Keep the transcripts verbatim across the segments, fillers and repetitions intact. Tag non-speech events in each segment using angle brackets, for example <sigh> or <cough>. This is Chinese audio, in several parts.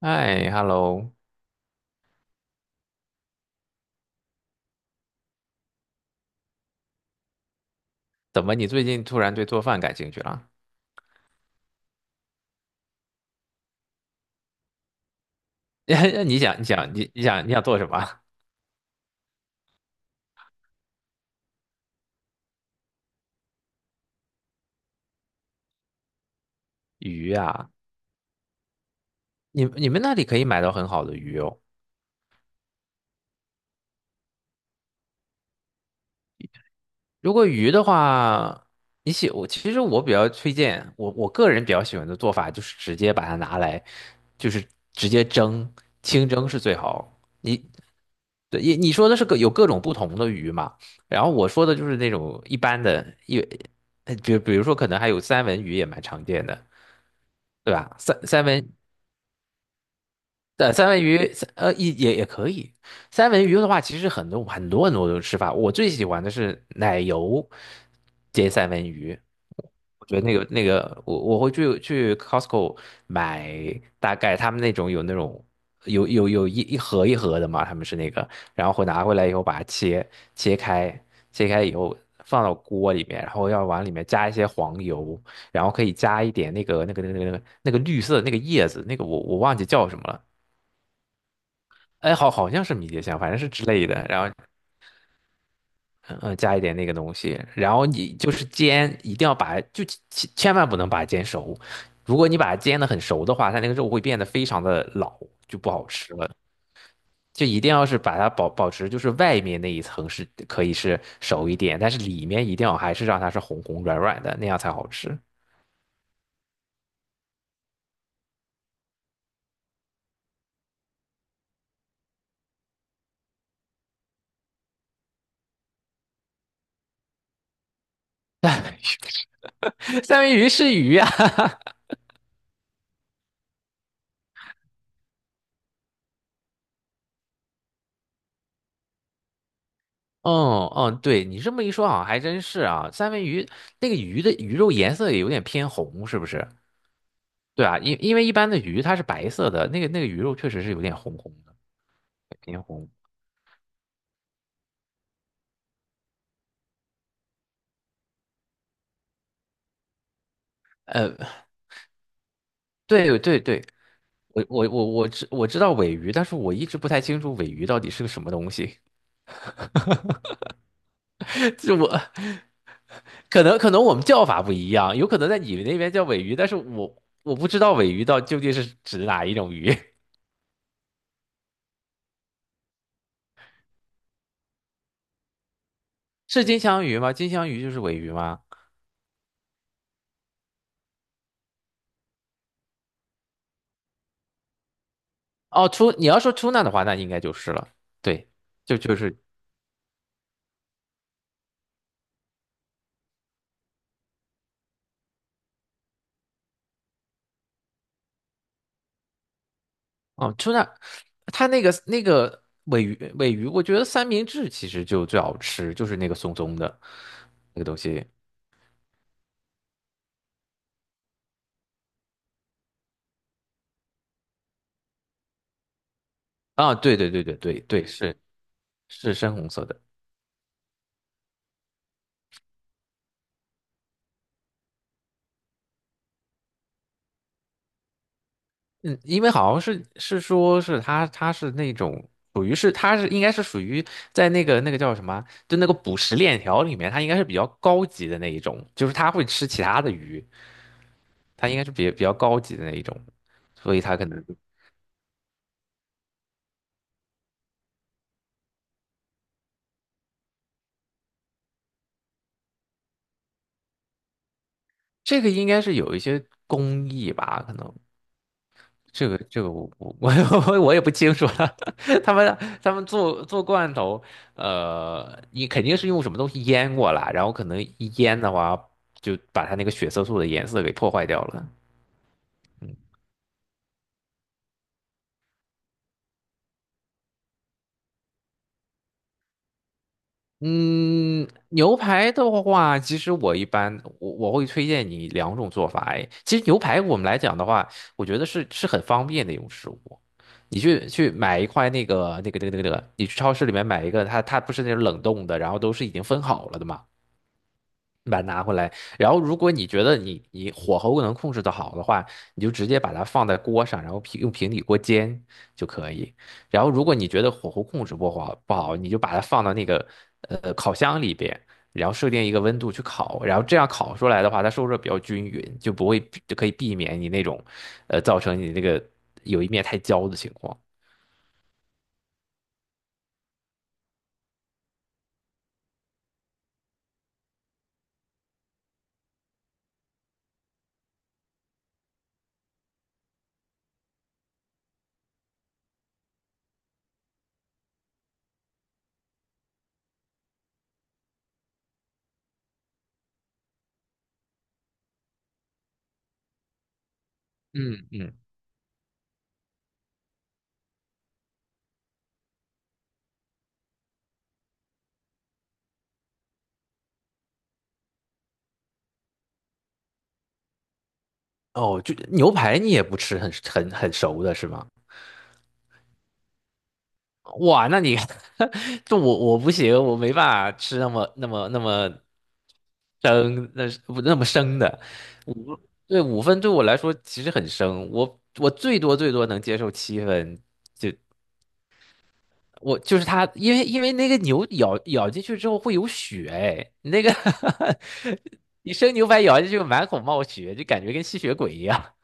哎，hello，怎么你最近突然对做饭感兴趣了？<laughs> 你想，你想，你你想，你想做什么啊鱼啊，你你们那里可以买到很好的鱼哦。如果鱼的话，你喜我其实我比较推荐我我个人比较喜欢的做法就是直接把它拿来，就是直接蒸，清蒸是最好。你对你你说的是个有各种不同的鱼嘛？然后我说的就是那种一般的，一呃比比如说可能还有三文鱼也蛮常见的。对吧？三三分对，三文鱼，呃，也也也可以。三文鱼的话，其实很多很多很多种吃法。我最喜欢的是奶油煎三文鱼，我觉得那个那个，我我会去去 Costco 买，大概他们那种有那种有有有一一盒一盒的嘛，他们是那个，然后会拿回来以后把它切切开，切开以后放到锅里面，然后要往里面加一些黄油，然后可以加一点那个那个那个那个那个绿色的那个叶子，那个我我忘记叫什么了。哎，好，好像是迷迭香，反正是之类的，然后，嗯、呃，加一点那个东西，然后你就是煎，一定要把，就千千万不能把它煎熟，如果你把它煎的很熟的话，它那个肉会变得非常的老，就不好吃了。就一定要是把它保保持，就是外面那一层是可以是熟一点，但是里面一定要还是让它是红红软软的，那样才好吃。<laughs> 三文鱼是鱼啊，哦哦，对你这么一说，好像还真是啊。三文鱼那个鱼的鱼肉颜色也有点偏红，是不是？对啊，因因为一般的鱼它是白色的，那个那个鱼肉确实是有点红红的，偏红。呃，对对对，我我我我知我知道尾鱼，但是我一直不太清楚尾鱼到底是个什么东西。<laughs> 就我可能可能我们叫法不一样，有可能在你们那边叫尾鱼，但是我我不知道尾鱼到究竟是指哪一种鱼，<laughs> 是金枪鱼吗？金枪鱼就是尾鱼吗？哦，出你要说出纳的话，那应该就是了。对，就就是哦，出纳，它那个那个尾鱼尾鱼，我觉得三明治其实就最好吃，就是那个松松的那个东西啊。对对对对对对，是是深红色的。嗯，因为好像是是说是它它是那种属于是它是应该是属于在那个那个叫什么，就那个捕食链条里面，它应该是比较高级的那一种，就是它会吃其他的鱼。它应该是比比较高级的那一种，所以它可能这个应该是有一些工艺吧，可能这个这个我我我 <laughs> 我也不清楚了。<laughs> 他们他们做做罐头，呃，你肯定是用什么东西腌过了，然后可能一腌的话，就把它那个血色素的颜色给破坏掉了。嗯嗯，牛排的话，其实我一般我我会推荐你两种做法。哎，其实牛排我们来讲的话，我觉得是是很方便的一种食物。你去去买一块那个那个那个那个，那个你去超市里面买一个，它它不是那种冷冻的，然后都是已经分好了的嘛。把它拿回来，然后如果你觉得你你火候能控制的好的话，你就直接把它放在锅上，然后平用平底锅煎就可以。然后如果你觉得火候控制不好不好，你就把它放到那个呃烤箱里边，然后设定一个温度去烤，然后这样烤出来的话，它受热比较均匀，就不会就可以避免你那种呃造成你那个有一面太焦的情况。嗯嗯，哦，就牛排你也不吃很很很熟的是吗？哇，那你 <laughs> 这我我不行，我没办法吃那么那么那么生，那是不那么生的五，对五分对我来说其实很生，我我最多最多能接受七分，就我就是它，因为因为那个牛咬咬进去之后会有血，哎，那个 <laughs> 你生牛排咬进去满口冒血，就感觉跟吸血鬼一样，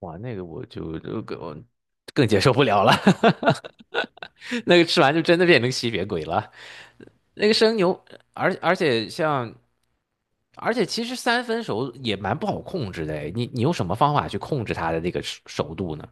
哇，那个我就就更更接受不了了，<laughs> 那个吃完就真的变成吸血鬼了。那个生牛，而而且像，而且其实三分熟也蛮不好控制的诶，你你用什么方法去控制它的那个熟熟度呢？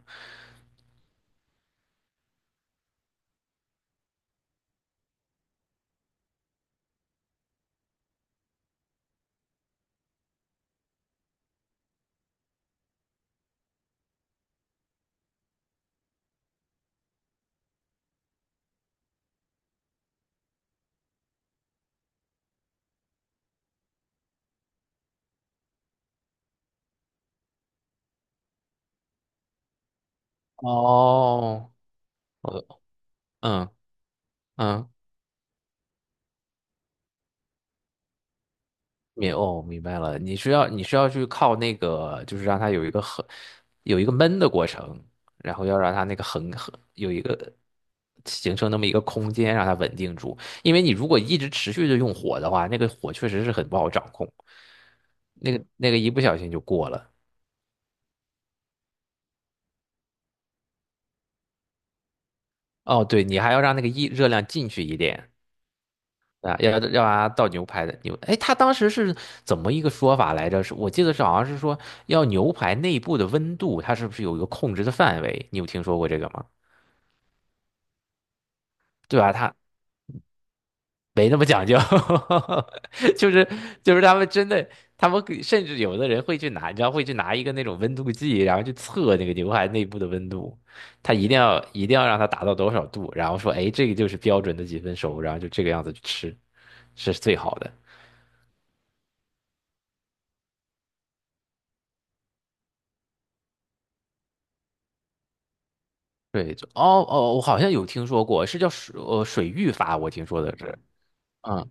哦，我嗯嗯，明哦明白了，你需要你需要去靠那个，就是让它有一个很有一个闷的过程，然后要让它那个横横有一个形成那么一个空间，让它稳定住。因为你如果一直持续的用火的话，那个火确实是很不好掌控，那个那个一不小心就过了。哦，对，你还要让那个一热量进去一点啊，要要让它倒牛排的牛。哎，他当时是怎么一个说法来着？是我记得是好像是说要牛排内部的温度，它是不是有一个控制的范围？你有听说过这个吗？对吧？他没那么讲究，<laughs> 就是就是他们真的，他们给甚至有的人会去拿，你知道会去拿一个那种温度计，然后去测那个牛排内部的温度，他一定要一定要让它达到多少度，然后说，哎，这个就是标准的几分熟，然后就这个样子去吃。是最好的。对，就哦哦，我好像有听说过，是叫水呃水浴法，我听说的是，嗯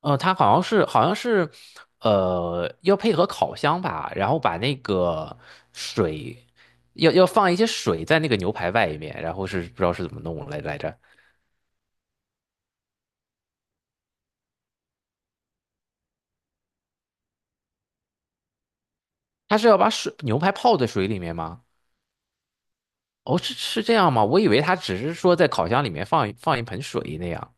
嗯，它好像是好像是，呃，要配合烤箱吧，然后把那个水要要放一些水在那个牛排外面，然后是不知道是怎么弄来来着，它是要把水牛排泡在水里面吗？哦，是是这样吗？我以为它只是说在烤箱里面放一放一盆水那样。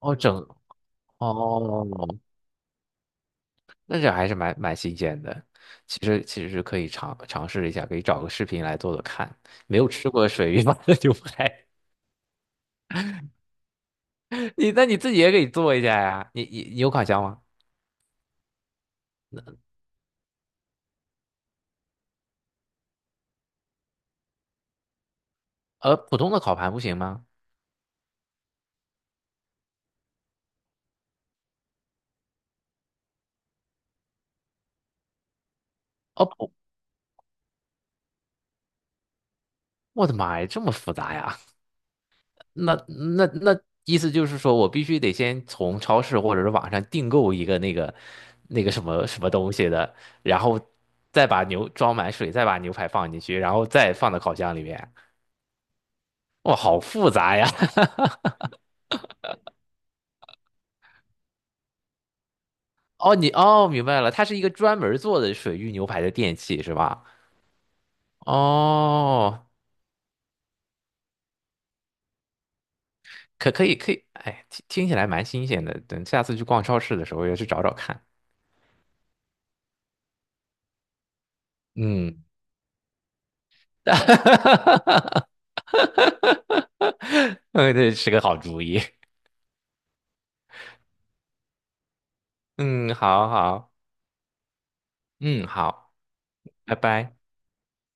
哦，整哦那这还是蛮蛮新鲜的。其实其实是可以尝尝试一下，可以找个视频来做做看。没有吃过水鱼麻的牛排，<laughs> 你那你自己也可以做一下呀。你你你有烤箱吗？呃，普通的烤盘不行吗？哦不，我的妈呀，这么复杂呀？那那那意思就是说我必须得先从超市或者是网上订购一个那个那个什么什么东西的，然后再把牛装满水，再把牛排放进去，然后再放到烤箱里面。哇，好复杂呀！<laughs> 哦，你哦，明白了，它是一个专门做的水域牛排的电器是吧？哦，可可以可以，哎，听听起来蛮新鲜的。等下次去逛超市的时候，要去找找看。嗯，<laughs> 嗯，这是个好主意。嗯，好好，嗯，好，拜拜。